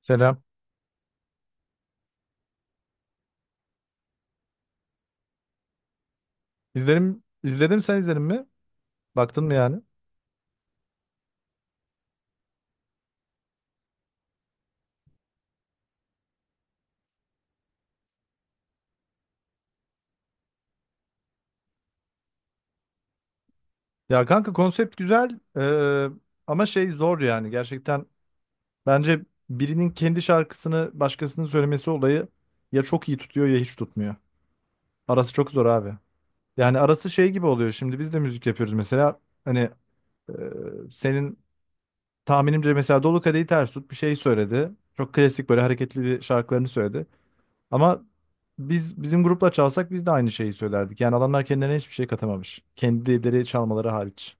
Selam. İzledim, izledim sen izledin mi? Baktın mı yani? Ya kanka konsept güzel eee, ama şey zor yani gerçekten. Bence birinin kendi şarkısını başkasının söylemesi olayı ya çok iyi tutuyor ya hiç tutmuyor. Arası çok zor abi. Yani arası şey gibi oluyor. Şimdi biz de müzik yapıyoruz mesela. Hani eee, senin tahminimce mesela Dolu Kadehi Ters Tut bir şey söyledi. Çok klasik böyle hareketli bir şarkılarını söyledi. Ama biz bizim grupla çalsak biz de aynı şeyi söylerdik. Yani adamlar kendilerine hiçbir şey katamamış. Kendileri çalmaları hariç.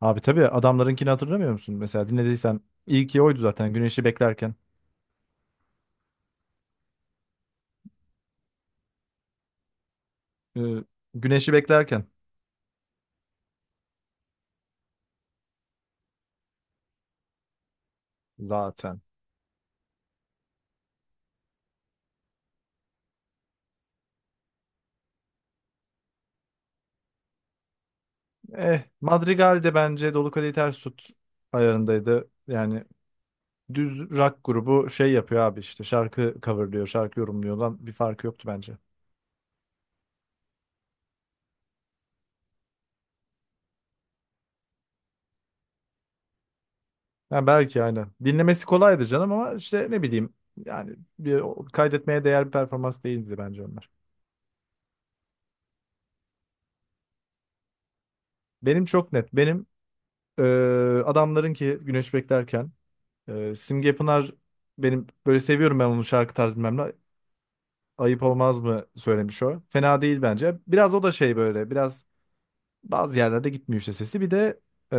Abi tabii adamlarınkini hatırlamıyor musun? Mesela dinlediysen ilki oydu zaten Güneşi Beklerken. Ee, Güneşi Beklerken zaten. Eh Madrigal de bence Dolu Kadehi Ters Tut ayarındaydı. Yani düz rock grubu şey yapıyor abi işte şarkı coverlıyor, şarkı yorumluyor lan bir farkı yoktu bence. Ha, belki aynen. Dinlemesi kolaydı canım ama işte ne bileyim yani bir, kaydetmeye değer bir performans değildi bence onlar. Benim çok net. Benim e, adamların ki Güneş Beklerken, Simge Pınar, benim böyle seviyorum ben onun şarkı tarzı bilmem ne. Ayıp olmaz mı söylemiş o. Fena değil bence. Biraz o da şey böyle biraz bazı yerlerde gitmiyor işte sesi. Bir de e,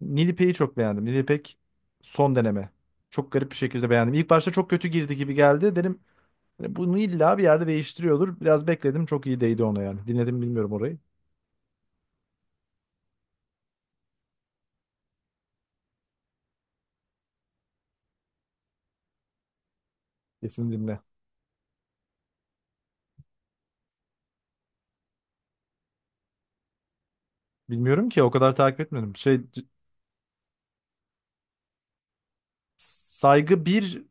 Nilipe'yi çok beğendim. Nilipek son deneme. Çok garip bir şekilde beğendim. İlk başta çok kötü girdi gibi geldi. Dedim, hani bunu illa bir yerde değiştiriyordur. Biraz bekledim. Çok iyi değdi ona yani. Dinledim bilmiyorum orayı. Kesin dinle. Bilmiyorum ki o kadar takip etmedim. Şey saygı bir,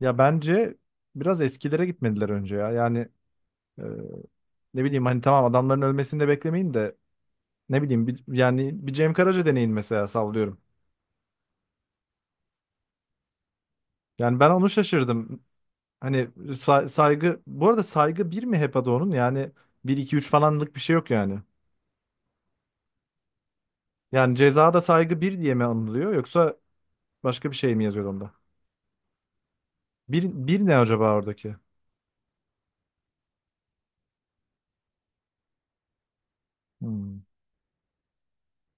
ya bence biraz eskilere gitmediler önce ya. Yani e, ne bileyim hani tamam adamların ölmesini de beklemeyin de ne bileyim bir, yani bir Cem Karaca deneyin mesela sallıyorum. Yani ben onu şaşırdım. Hani saygı bu arada saygı bir mi hep adı onun? Yani bir 2 3 falanlık bir şey yok yani. Yani cezada saygı bir diye mi anılıyor yoksa başka bir şey mi yazıyor onda? Bir ne acaba oradaki? Hmm.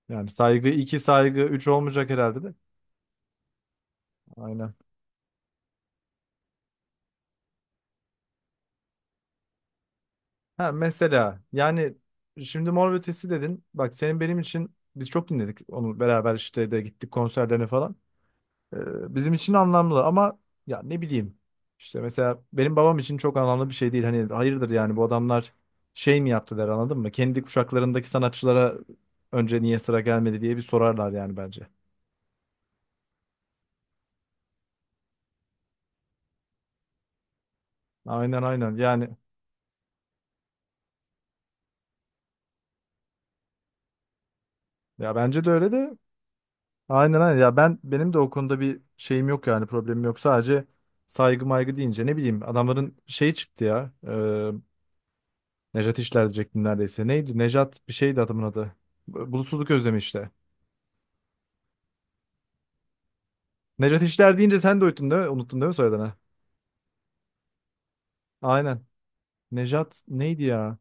Yani saygı iki saygı üç olmayacak herhalde de. Aynen. Ha mesela yani şimdi Mor ve Ötesi dedin. Bak senin benim için biz çok dinledik onu beraber işte de gittik konserlerine falan. Bizim için anlamlı ama ya ne bileyim. İşte mesela benim babam için çok anlamlı bir şey değil. Hani hayırdır yani bu adamlar şey mi yaptı der anladın mı? Kendi kuşaklarındaki sanatçılara önce niye sıra gelmedi diye bir sorarlar yani bence. Aynen aynen yani, ya bence de öyle de. Aynen aynen ya, ben benim de o konuda bir şeyim yok yani, problemim yok, sadece saygı maygı deyince ne bileyim adamların şey çıktı ya, Nejat İşler diyecektim neredeyse, neydi Nejat bir şeydi adamın adı, Bulutsuzluk Özlemi işte. Nejat İşler deyince sen de unuttun değil mi, unuttun değil mi soyadını, aynen. Nejat neydi ya,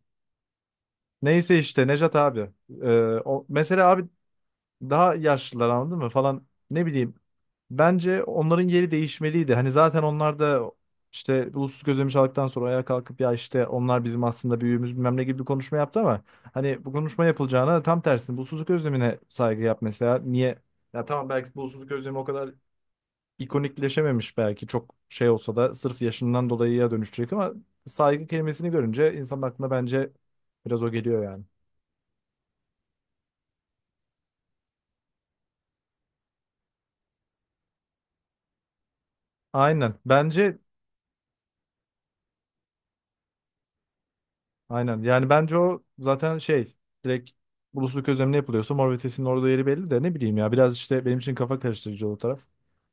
neyse işte Nejat abi. E, o, mesela abi daha yaşlılar anladın mı falan, ne bileyim. Bence onların yeri değişmeliydi. Hani zaten onlar da işte ulusuz gözlemi çaldıktan sonra ayağa kalkıp ya işte onlar bizim aslında büyüğümüz bilmem ne gibi bir konuşma yaptı ama hani bu konuşma yapılacağına tam tersine ulusuzluk özlemine saygı yap mesela. Niye? Ya tamam belki ulusuzluk özlemi o kadar ikonikleşememiş, belki çok şey olsa da sırf yaşından dolayı ya dönüşecek, ama saygı kelimesini görünce insanın aklına bence biraz o geliyor yani. Aynen. Bence aynen. Yani bence o zaten şey, direkt Bulusluk özlemine yapılıyorsa Mor ve Ötesi'nin orada yeri belli, de ne bileyim ya biraz işte benim için kafa karıştırıcı o taraf.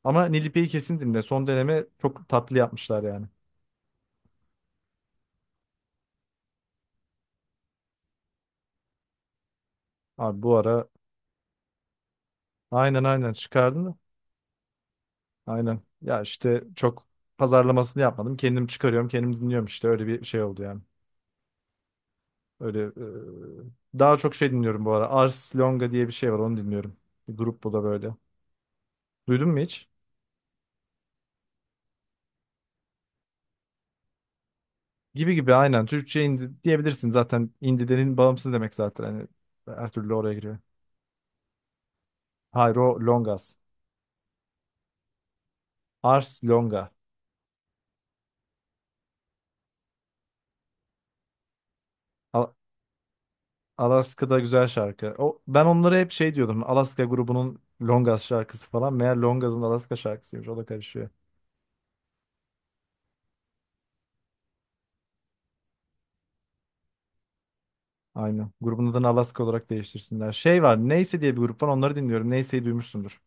Ama Nilipe'yi kesin dinle. Son deneme çok tatlı yapmışlar yani. Abi bu ara aynen aynen çıkardın da. Aynen. Ya işte çok pazarlamasını yapmadım. Kendim çıkarıyorum, kendim dinliyorum işte. Öyle bir şey oldu yani. Öyle daha çok şey dinliyorum bu ara. Ars Longa diye bir şey var, onu dinliyorum. Bir grup bu da böyle. Duydun mu hiç? Gibi gibi aynen. Türkçe indi diyebilirsin zaten. İndilerin bağımsız demek zaten. Hani her türlü oraya giriyor. Hayro Longas. Ars Longa. Al- Alaska'da güzel şarkı. O, ben onlara hep şey diyordum, Alaska grubunun Longas şarkısı falan. Meğer Longas'ın Alaska şarkısıymış. O da karışıyor. Aynen. Grubun adını Alaska olarak değiştirsinler. Şey var, Neyse diye bir grup var. Onları dinliyorum. Neyse'yi duymuşsundur.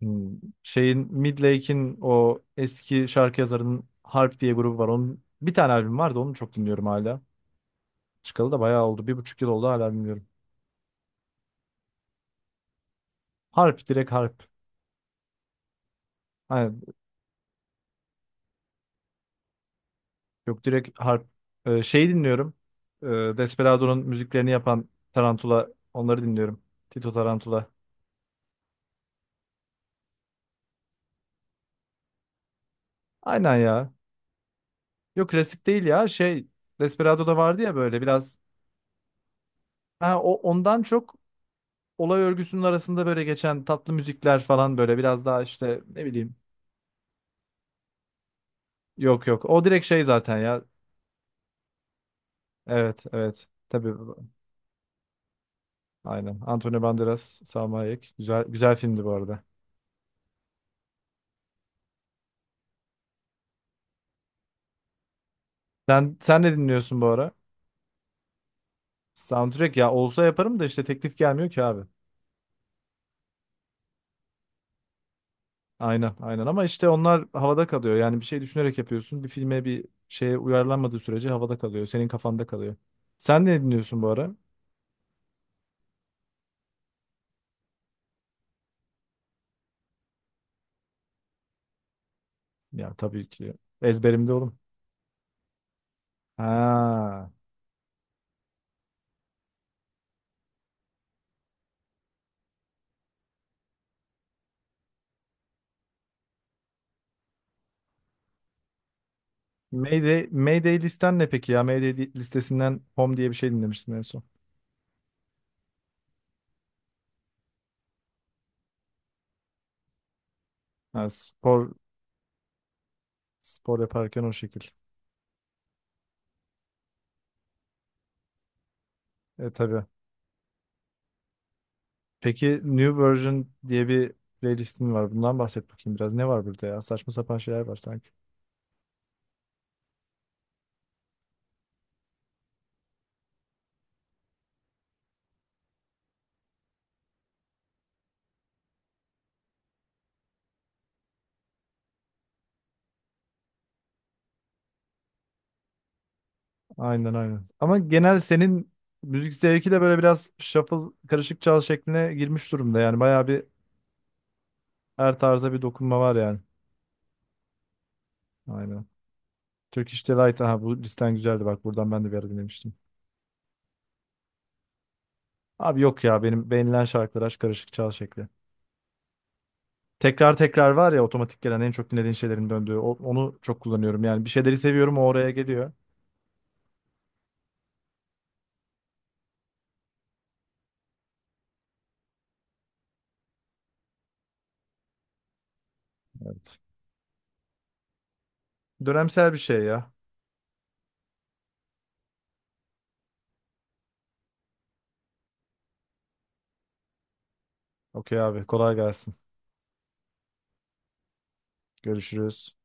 Hmm. Şeyin, Midlake'in o eski şarkı yazarının Harp diye grubu var. Onun bir tane albüm vardı. Onu çok dinliyorum hala. Çıkalı da bayağı oldu. 1,5 yıl oldu hala, bilmiyorum. Harp, direkt harp. Hani yok, direkt harp. Şeyi dinliyorum. Ee, Desperado'nun müziklerini yapan Tarantula. Onları dinliyorum. Tito Tarantula. Aynen ya. Yok klasik değil ya. Şey, Desperado'da vardı ya böyle biraz. Ha, o ondan çok olay örgüsünün arasında böyle geçen tatlı müzikler falan, böyle biraz daha işte ne bileyim. Yok yok. O direkt şey zaten ya. Evet evet. Tabii aynen. Antonio Banderas, Salma Hayek. Güzel güzel filmdi bu arada. Sen ne dinliyorsun bu ara? Soundtrack ya olsa yaparım da işte teklif gelmiyor ki abi. Aynen aynen ama işte onlar havada kalıyor. Yani bir şey düşünerek yapıyorsun. Bir filme bir şeye uyarlanmadığı sürece havada kalıyor. Senin kafanda kalıyor. Sen ne dinliyorsun bu ara? Ya tabii ki ezberimde oğlum. Ha. Mayday, Mayday listen ne peki ya? Mayday listesinden Home diye bir şey dinlemişsin en son. Ha, spor, spor yaparken o şekil. E tabii. Peki New Version diye bir playlistin var. Bundan bahset bakayım biraz. Ne var burada ya? Saçma sapan şeyler var sanki. Aynen aynen. Ama genel senin müzik zevki de böyle biraz shuffle, karışık çal şekline girmiş durumda. Yani bayağı bir her tarza bir dokunma var yani. Aynen. Turkish Delight. Aha bu listen güzeldi bak. Buradan ben de bir ara dinlemiştim. Abi yok ya, benim beğenilen şarkılar aç, karışık çal şekli. Tekrar tekrar var ya, otomatik gelen en çok dinlediğin şeylerin döndüğü. Onu çok kullanıyorum. Yani bir şeyleri seviyorum o oraya geliyor. Evet. Dönemsel bir şey ya. Okey abi, kolay gelsin. Görüşürüz.